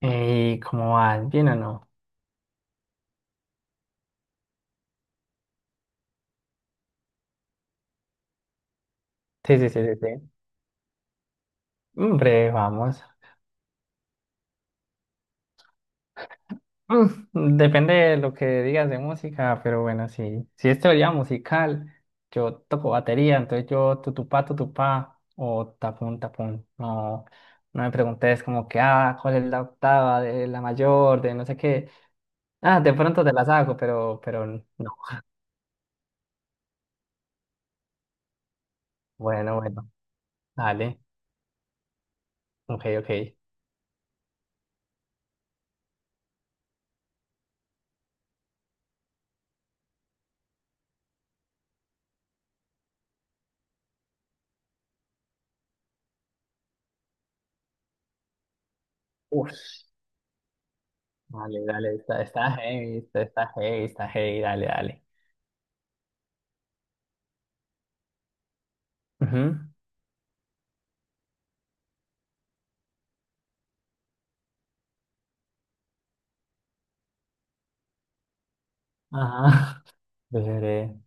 ¿Cómo vas? ¿Bien o no? Sí, sí, sí, sí, sí. Hombre, vamos. Depende de lo que digas de música, pero bueno, sí. Si es teoría musical, yo toco batería, entonces yo tutupá, tutupá o tapón, tapón. No, no me preguntes como que, ¿cuál es la octava de la mayor, de no sé qué? Ah, de pronto te las hago, pero, no. Bueno, bueno, dale. Ok, ok. Uf, dale, dale, está heavy, está heavy, está heavy, dale, dale. Ujú. Ajá. Veré.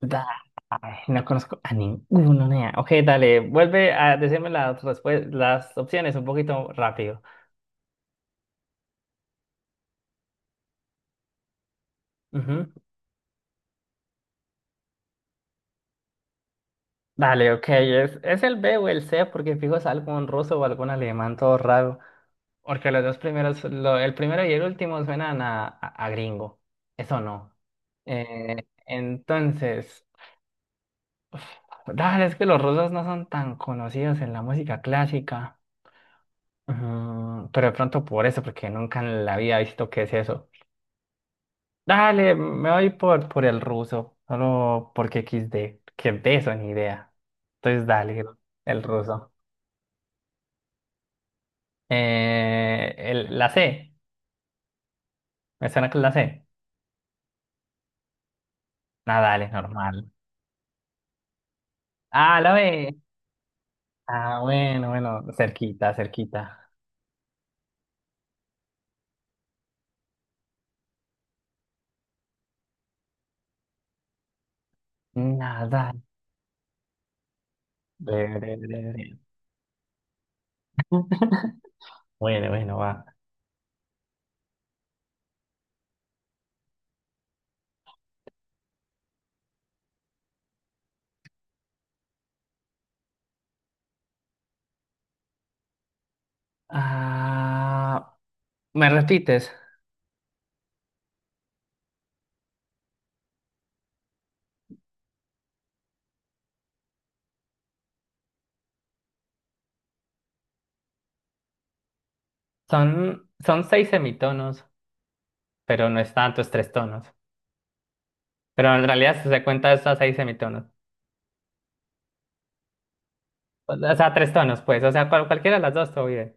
Da- Ay, no conozco a ninguno, nea. Ok, dale, vuelve a decirme las opciones un poquito rápido. Ujú. Dale, ok, es el B o el C, porque fijo es algún ruso o algún alemán todo raro. Porque los dos primeros, el primero y el último suenan a, a gringo. Eso no. Eh, entonces, uf, dale, es que los rusos no son tan conocidos en la música clásica. Ujú. Pero de pronto por eso, porque nunca en la vida he visto qué es eso. Dale, me voy por el ruso, solo porque XD, que de eso ni idea. Entonces dale, el ruso. La C, me suena que es la C. Nada, dale, normal. Ah, la B. Ah, bueno, bueno, cerquita, cerquita. Nada. Bre, bre, bre, bre. Bueno, bueno, va. Ah, ¿me repites? Son seis semitonos, pero no es tanto, es tres tonos. Pero en realidad, si se cuenta, es a seis semitonos. O sea, tres tonos, pues. O sea, cualquiera de las dos, todo bien.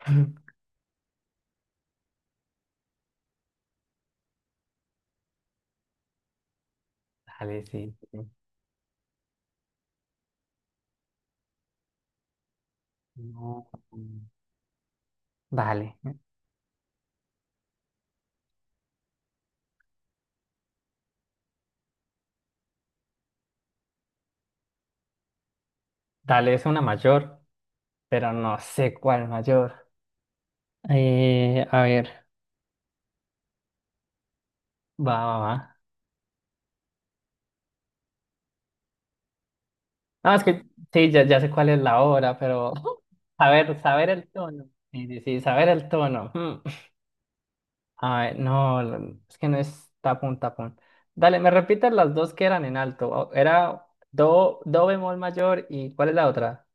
Dale, sí, sí. No. Dale. Dale, es una mayor, pero no sé cuál mayor. A ver, va, va, va. No, es que sí, ya, ya sé cuál es la hora, pero saber, saber el tono. Sí, sí, sí, saber el tono. Mm. Ay, no, es que no es tapón, tapón. Dale, me repitas las dos que eran en alto. Era do, do bemol mayor y ¿cuál es la otra?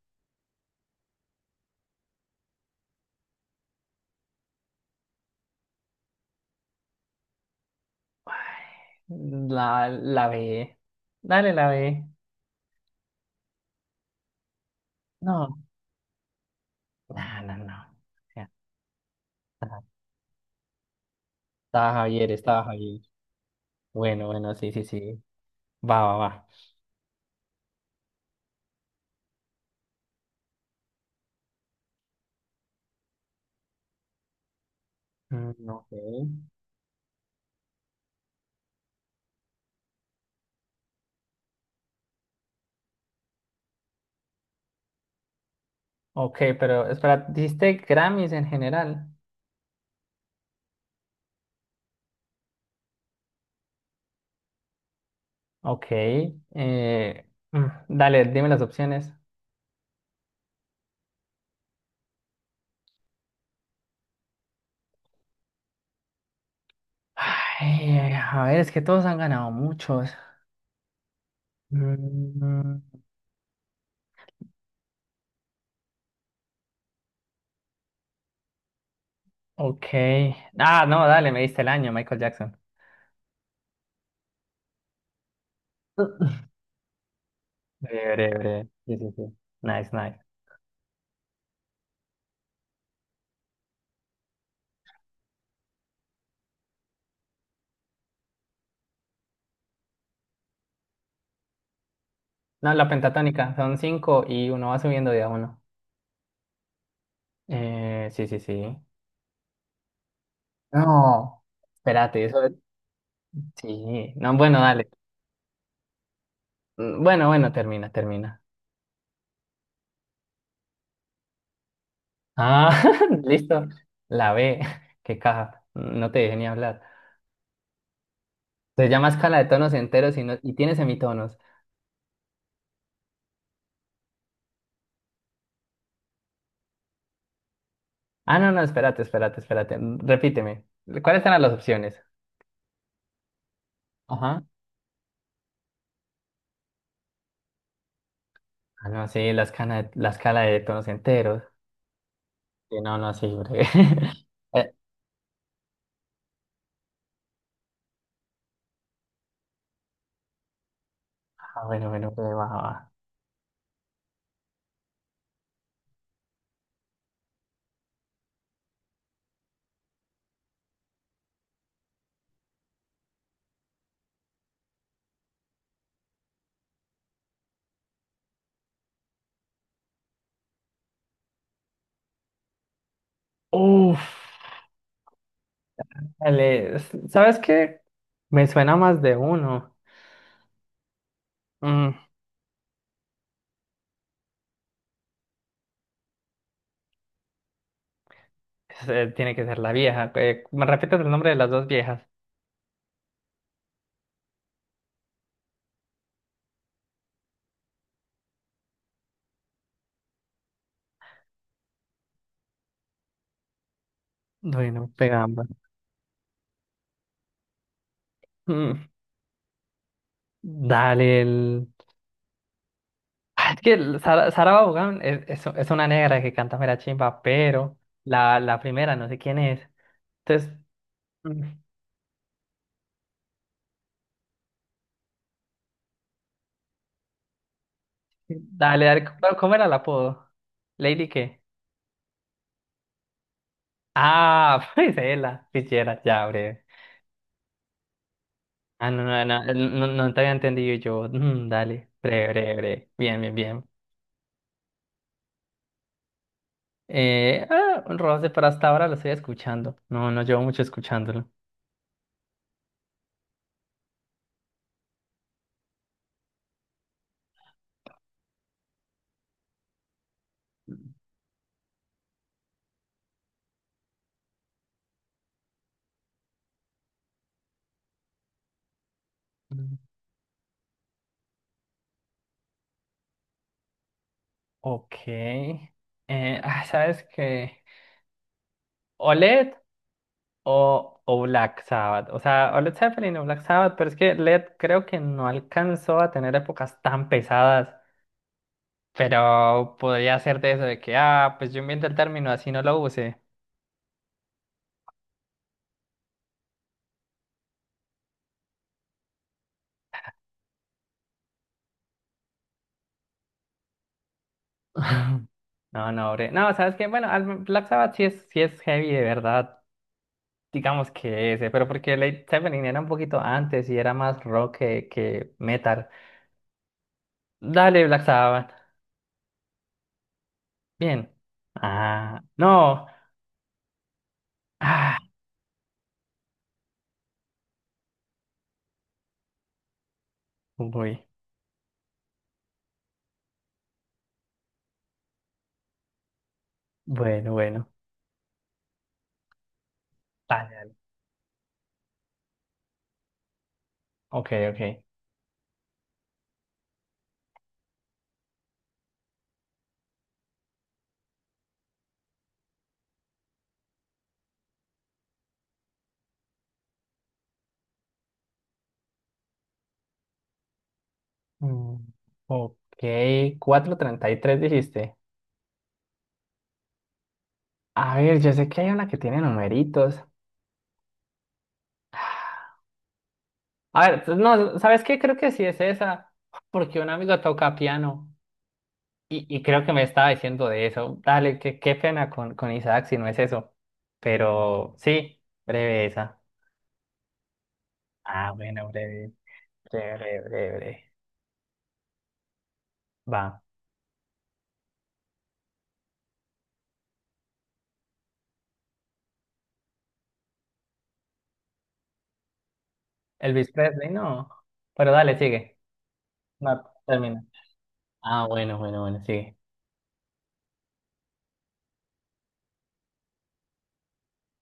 Ay, La, la B. Dale, la B. No, no, no, no. O sea, está- Estaba Javier, estaba Javier. Bueno, bueno, sí, sí, sí. Va, va, va. Ok. Ok, pero espera, ¿diste Grammys en general? Ok. Dale, dime las opciones. Ay, a ver, es que todos han ganado muchos. Mm, ok. Ah, no, dale, me diste el año, Michael Jackson. Breve, breve, breve. Sí, sí, sí. Nice, nice. No, la pentatónica, son cinco y uno va subiendo de a uno. Sí, sí, sí. No, espérate, eso. Sí, no, bueno, dale. Bueno, bueno, termina, termina. Ah, listo. La B, qué caja. No te dejé ni hablar. Se llama escala de tonos enteros y, y tiene semitonos. Ah, no, no, espérate, espérate, espérate. Repíteme. ¿Cuáles eran las opciones? Ajá. Ah, no, sí, la escala de tonos enteros. Sí, no, no, sí, breve. Eh, bueno, bueno, breve, va, va. Uf, dale. ¿Sabes qué? Me suena más de uno. Mm, tiene que ser la vieja. ¿Me repites el nombre de las dos viejas? Bueno, pegamba. Mm, dale. Ah, es que Sara Vaughan es una negra que canta mera chimba, pero la primera no sé quién es. Entonces, mm, dale, dale, ¿cómo era el apodo? ¿Lady qué? Ah, pues ella, Fitzgerald, ya, breve. Ah, no, no, no, no, no te había entendido yo. Dale, breve, breve, breve. Bien, bien, bien. Un roce, pero hasta ahora lo estoy escuchando. No, no llevo mucho escuchándolo. Mm. Ok. ¿Sabes qué? OLED o Black Sabbath. O sea, o Led Zeppelin o Black Sabbath, pero es que Led creo que no alcanzó a tener épocas tan pesadas, pero podría ser de eso, de que, pues yo invento el término, así no lo use. No, no, bre. No, ¿sabes que? Bueno, Black Sabbath sí es heavy de verdad, digamos que ese, pero porque Led Zeppelin era un poquito antes y era más rock que metal. Dale, Black Sabbath. Bien. Ah, no. Ah, uy. Bueno, bueno. Dale, dale. Ok, ok. Mm, ok, 433 dijiste. A ver, yo sé que hay una que tiene numeritos. A ver, pues, no, ¿sabes qué? Creo que sí es esa, porque un amigo toca piano y creo que me estaba diciendo de eso. Dale, qué, qué pena con Isaac si no es eso. Pero sí, breve esa. Ah, bueno, breve, breve, breve, breve, breve. Va. Elvis Presley, no. Pero dale, sigue. No, termina. Ah, bueno, bueno, bueno, sigue.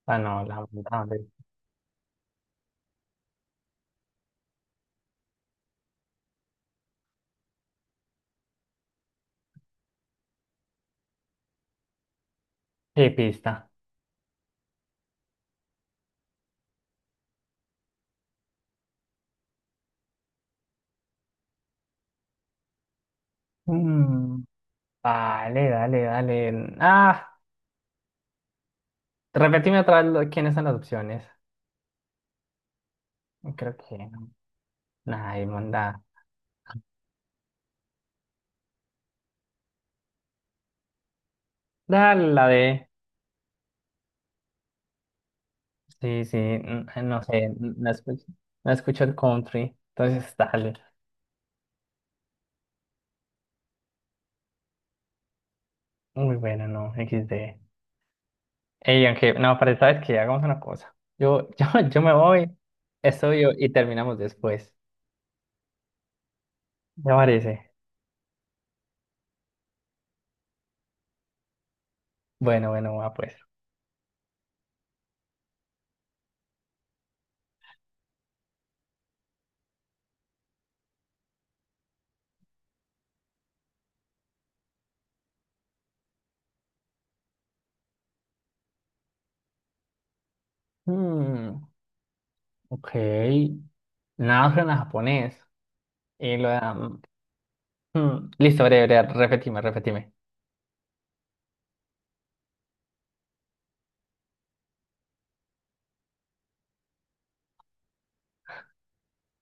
Ah, no, la, la- Sí, pista. Mm, Vale, dale, dale. Ah, repetime otra vez quiénes son las opciones. Creo que. No. Ay, manda. Dale la de. Sí, sí, no sé, no escucho, no escucho el country. Entonces, dale. Muy bueno, no, XD. Ey, aunque, no, pero sabes que hagamos una cosa. Yo, yo me voy, estudio y terminamos después. ¿Te parece? Bueno, bueno, va pues. Mm, ok. Nada suena a japonés. Y lo de... Listo, breve, breve, repetime, repetime.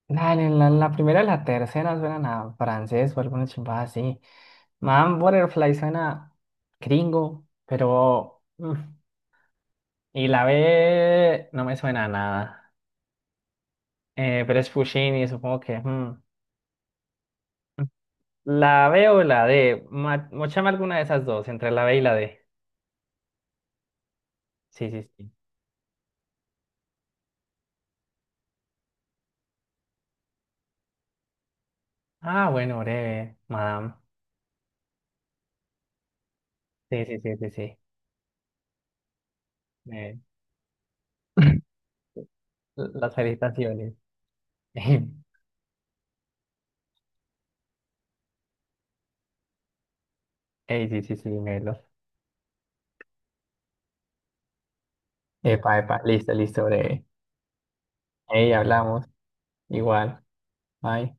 La primera y la tercera suenan a francés o alguna chimpada así. Man Butterfly suena gringo, pero... y la B no me suena a nada. Pero es Puccini, supongo que... mm. mm. La B o la D. Mochame alguna de esas dos, entre la B y la D. Sí, sí, sí. Ah, bueno, breve, madame. Sí, sí, sí, sí, sí. Eh, las felicitaciones. Ey, sí, sí, sí, Melo. Epa, epa, listo, listo, breve. Ey, hablamos. Igual. Bye.